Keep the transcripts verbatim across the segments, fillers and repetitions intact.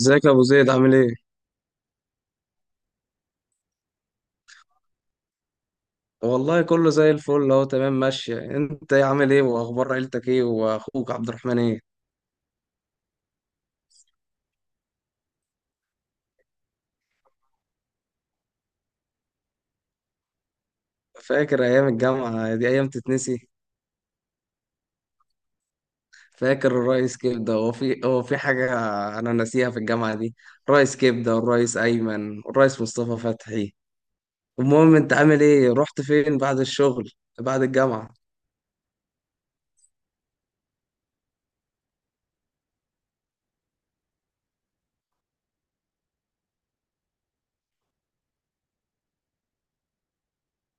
ازيك يا ابو زيد؟ عامل ايه؟ والله كله زي الفل، اهو تمام ماشيه. انت ايه عامل ايه؟ واخبار عيلتك ايه؟ واخوك عبد الرحمن ايه؟ فاكر ايام الجامعه؟ دي ايام تتنسي. فاكر الرئيس كبده؟ هو في هو في حاجه انا ناسيها في الجامعه دي؟ الرئيس كبده، والرئيس ايمن، والرئيس مصطفى فتحي. المهم انت عامل ايه؟ رحت فين بعد الشغل؟ بعد الجامعه؟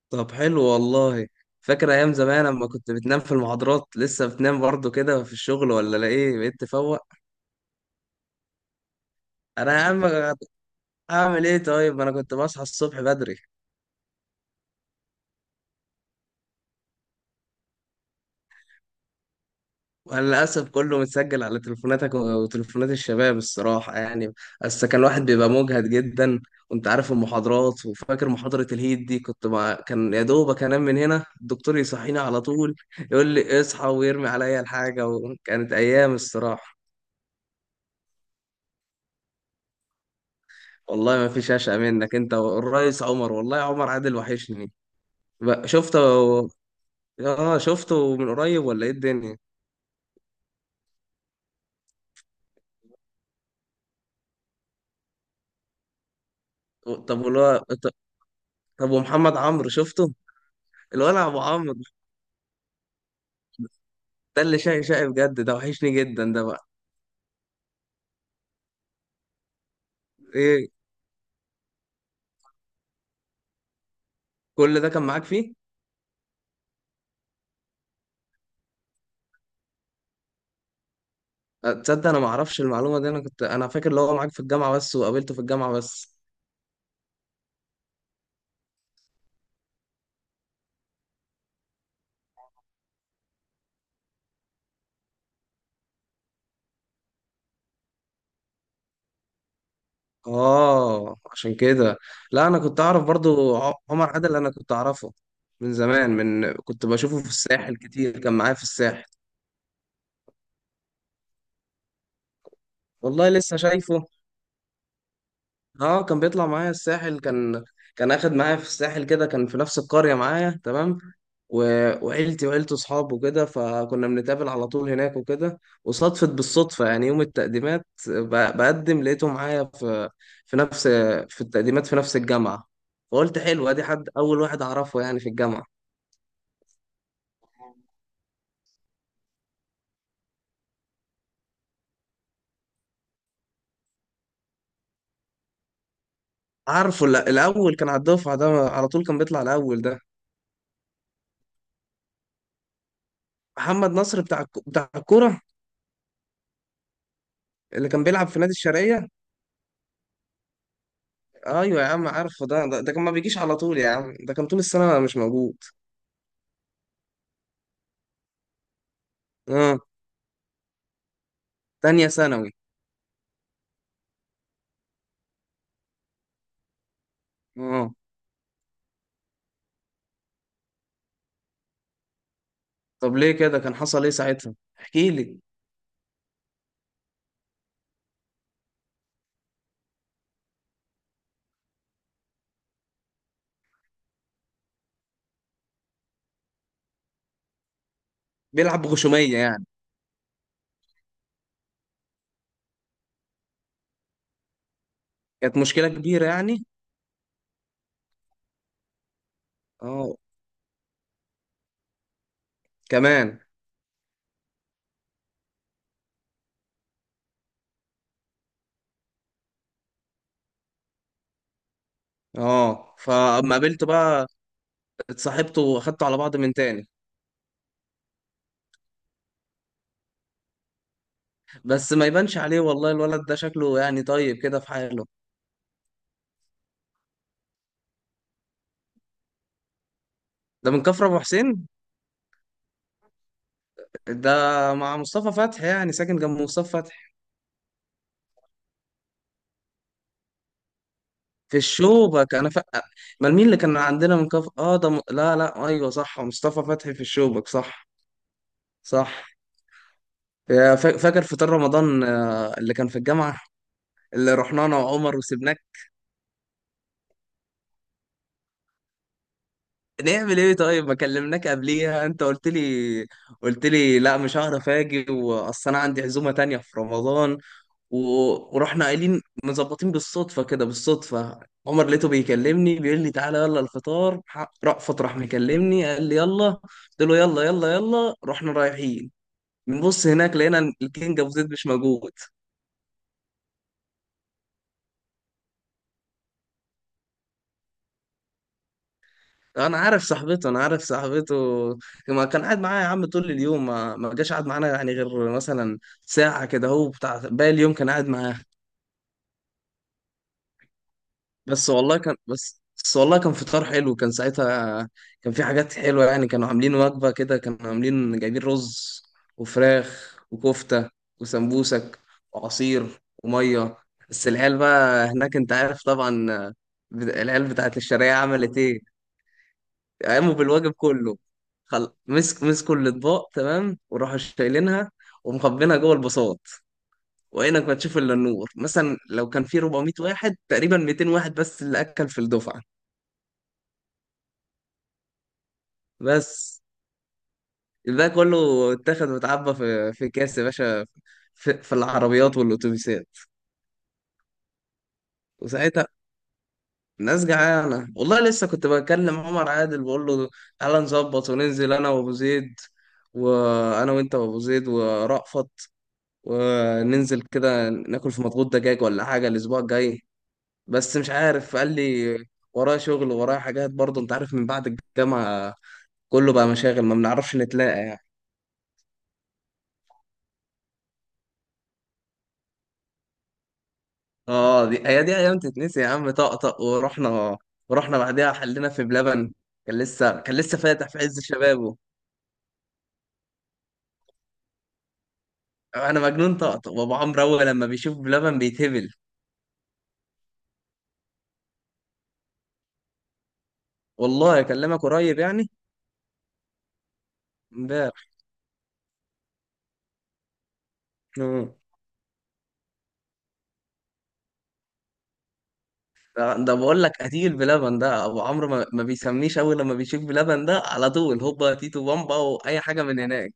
طب حلو والله. فاكر ايام زمان لما كنت بتنام في المحاضرات؟ لسه بتنام برضه كده في الشغل ولا لا؟ ايه، بقيت تفوق؟ انا يا عم اعمل ايه طيب؟ انا كنت بصحى الصبح بدري. وانا للاسف كله متسجل على تليفوناتك وتليفونات الشباب الصراحه يعني. بس كان الواحد بيبقى مجهد جدا، وانت عارف المحاضرات. وفاكر محاضره الهيد دي؟ كنت مع... كان يا دوبك انام من هنا الدكتور يصحيني على طول، يقول لي اصحى ويرمي عليا الحاجه. وكانت ايام الصراحه. والله ما فيش اشقى منك انت والريس عمر. والله يا عمر عادل وحشني. بقى شفته؟ اه شفته من قريب ولا ايه الدنيا؟ طب والله. طب ومحمد عمرو شفته؟ الولع ابو عمرو. ده اللي شقي شقي بجد، ده وحشني جدا ده بقى. ايه؟ كل ده كان معاك فيه؟ أه، تصدق انا ما اعرفش المعلومه دي؟ انا كنت انا فاكر اللي هو معاك في الجامعه بس، وقابلته في الجامعه بس. اه عشان كده. لا انا كنت اعرف برضو ع- عمر عادل، انا كنت اعرفه من زمان، من كنت بشوفه في الساحل كتير، كان معايا في الساحل. والله لسه شايفه. اه كان بيطلع معايا الساحل، كان كان اخد معايا في الساحل كده، كان في نفس القرية معايا تمام. و... وعيلتي وعيلته اصحابه وكده، فكنا بنتقابل على طول هناك وكده. وصدفت بالصدفة يعني يوم التقديمات ب... بقدم لقيته معايا في في نفس في التقديمات في نفس الجامعة. فقلت حلو، ادي حد اول واحد اعرفه يعني في الجامعة. عارفه. لا، الاول كان على الدفعة، ده على طول كان بيطلع الاول ده. محمد نصر بتاع الك- بتاع الكورة، اللي كان بيلعب في نادي الشرقية. ايوه يا عم عارفه ده، ده, ده كان ما بيجيش على طول يا عم، ده كان طول السنه مش موجود. اه. تانية ثانوي. اه. طب ليه كده؟ كان حصل ايه ساعتها، احكي لي. بيلعب بغشوميه يعني؟ كانت مشكله كبيره يعني. اه. كمان. اه فاما قابلته بقى، اتصاحبته واخدته على بعض من تاني. بس ما يبانش عليه والله الولد ده، شكله يعني طيب كده في حاله. ده من كفر ابو حسين؟ ده مع مصطفى فتحي يعني ساكن جنب مصطفى فتحي؟ في الشوبك؟ انا ف... ما مين اللي كان عندنا من كف اه ده م... لا لا ايوه صح، مصطفى فتحي في الشوبك، صح. صح. يا فا- فاكر فطار رمضان آه، اللي كان في الجامعه، اللي رحنا انا وعمر وسبناك؟ نعمل ايه طيب؟ ما كلمناك قبليها، انت قلت لي، قلت لي لا مش هعرف اجي واصل، انا عندي عزومه تانية في رمضان. و- ورحنا قايلين مظبطين بالصدفة كده، بالصدفة. عمر لقيته بيكلمني بيقول لي تعالى يلا الفطار، ح- رأفت راح مكلمني قال لي يلا، قلت له يلا يلا يلا، رحنا رايحين. بنبص هناك لقينا الكينج ابو زيد مش موجود. انا عارف صاحبته، انا عارف صاحبته. ما كان قاعد معايا يا عم طول اليوم، ما ما جاش قاعد معانا يعني غير مثلا ساعة كده، هو بتاع باقي اليوم كان قاعد معاها. بس والله كان بس بس والله كان فطار حلو كان ساعتها، كان في حاجات حلوة يعني. كانوا عاملين وجبة كده، كانوا عاملين جايبين رز وفراخ وكفتة وسمبوسك وعصير ومية. بس العيال بقى هناك انت عارف طبعا، بت- العيال بتاعت الشرقية عملت ايه؟ قاموا بالواجب كله. خل... مسك مسكوا الاطباق تمام، وراحوا شايلينها ومخبينها جوه البساط. وعينك ما تشوف الا النور. مثلا لو كان في أربعمية واحد تقريبا، ميتين واحد بس اللي اكل في الدفعة. بس ده كله اتاخد واتعبى في في كاس يا باشا، في, في العربيات والاتوبيسات. وساعتها الناس جعانه والله. لسه كنت بكلم عمر عادل بقول له تعالى نظبط وننزل انا وابو زيد، وانا وانت وابو زيد ورأفت، وننزل كده ناكل في مضغوط دجاج ولا حاجه الاسبوع الجاي. بس مش عارف، قال لي ورايا شغل ورايا حاجات، برضه انت عارف، من بعد الجامعه كله بقى مشاغل، ما بنعرفش نتلاقى يعني. اه دي، هي دي ايام تتنسي يا عم. طقطق ورحنا، ورحنا بعدها حلينا في بلبن، كان لسه كان لسه فاتح في عز شبابه. انا مجنون طقطق، وابو عمرو اول لما بيشوف بلبن بيتهبل. والله اكلمك قريب يعني. امبارح. آه. ده ده بقول لك قتيل بلبن ده ابو عمرو، ما, ما بيسميش اول لما بيشوف بلبن ده على طول، هوبا تيتو بامبا واي حاجه من هناك.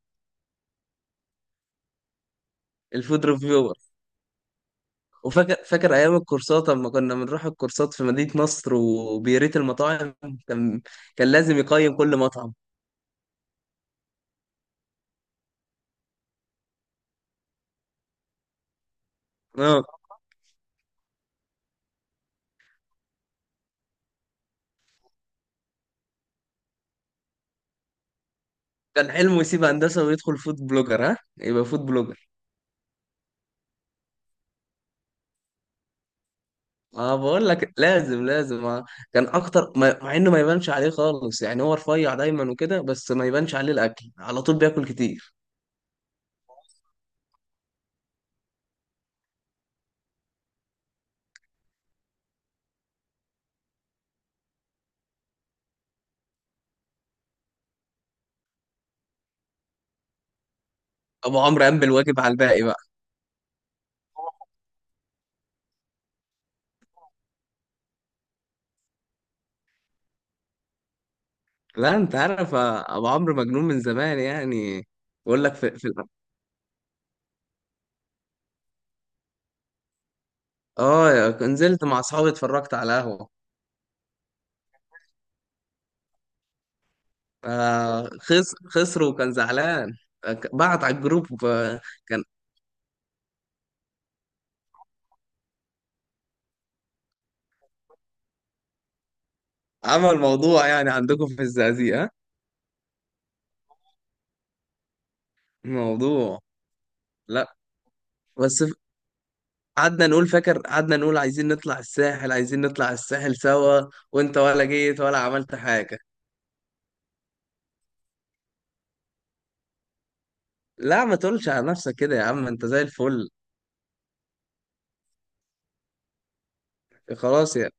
الفود ريفيور. وفاكر، فاكر ايام الكورسات لما كنا بنروح الكورسات في مدينة نصر وبيريت المطاعم، كان كان لازم يقيم كل مطعم. اه. كان حلمه يسيب هندسة ويدخل فود بلوجر. ها يبقى فود بلوجر؟ اه بقول لك لازم لازم آه. كان اكتر ما- مع انه ما يبانش عليه خالص يعني، هو رفيع دايما وكده، بس ما يبانش عليه الاكل، على طول بياكل كتير. ابو عمرو قام بالواجب على الباقي بقى. لا انت عارف آه، ابو عمرو مجنون من زمان يعني. بقول لك في, في اه نزلت مع اصحابي اتفرجت على قهوة. آه خس، خسر وكان زعلان. آه، ك- بعت على الجروب. آه، كان. عمل موضوع يعني عندكم في الزقازيق؟ ها موضوع. لا بس ف- قعدنا نقول، فاكر قعدنا نقول عايزين نطلع الساحل، عايزين نطلع الساحل سوا، وانت ولا جيت ولا عملت حاجة. لا ما تقولش على نفسك كده يا عم، انت زي الفل. خلاص يا.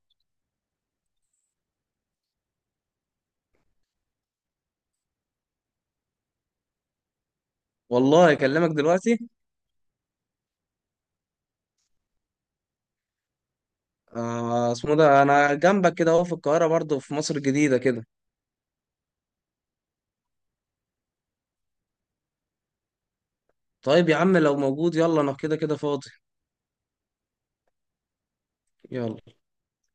والله اكلمك دلوقتي. آه اسمه ده انا جنبك كده اهو، في القاهرة برضه، في مصر الجديدة كده. طيب يا عم لو موجود يلا، انا كده كده فاضي. يلا.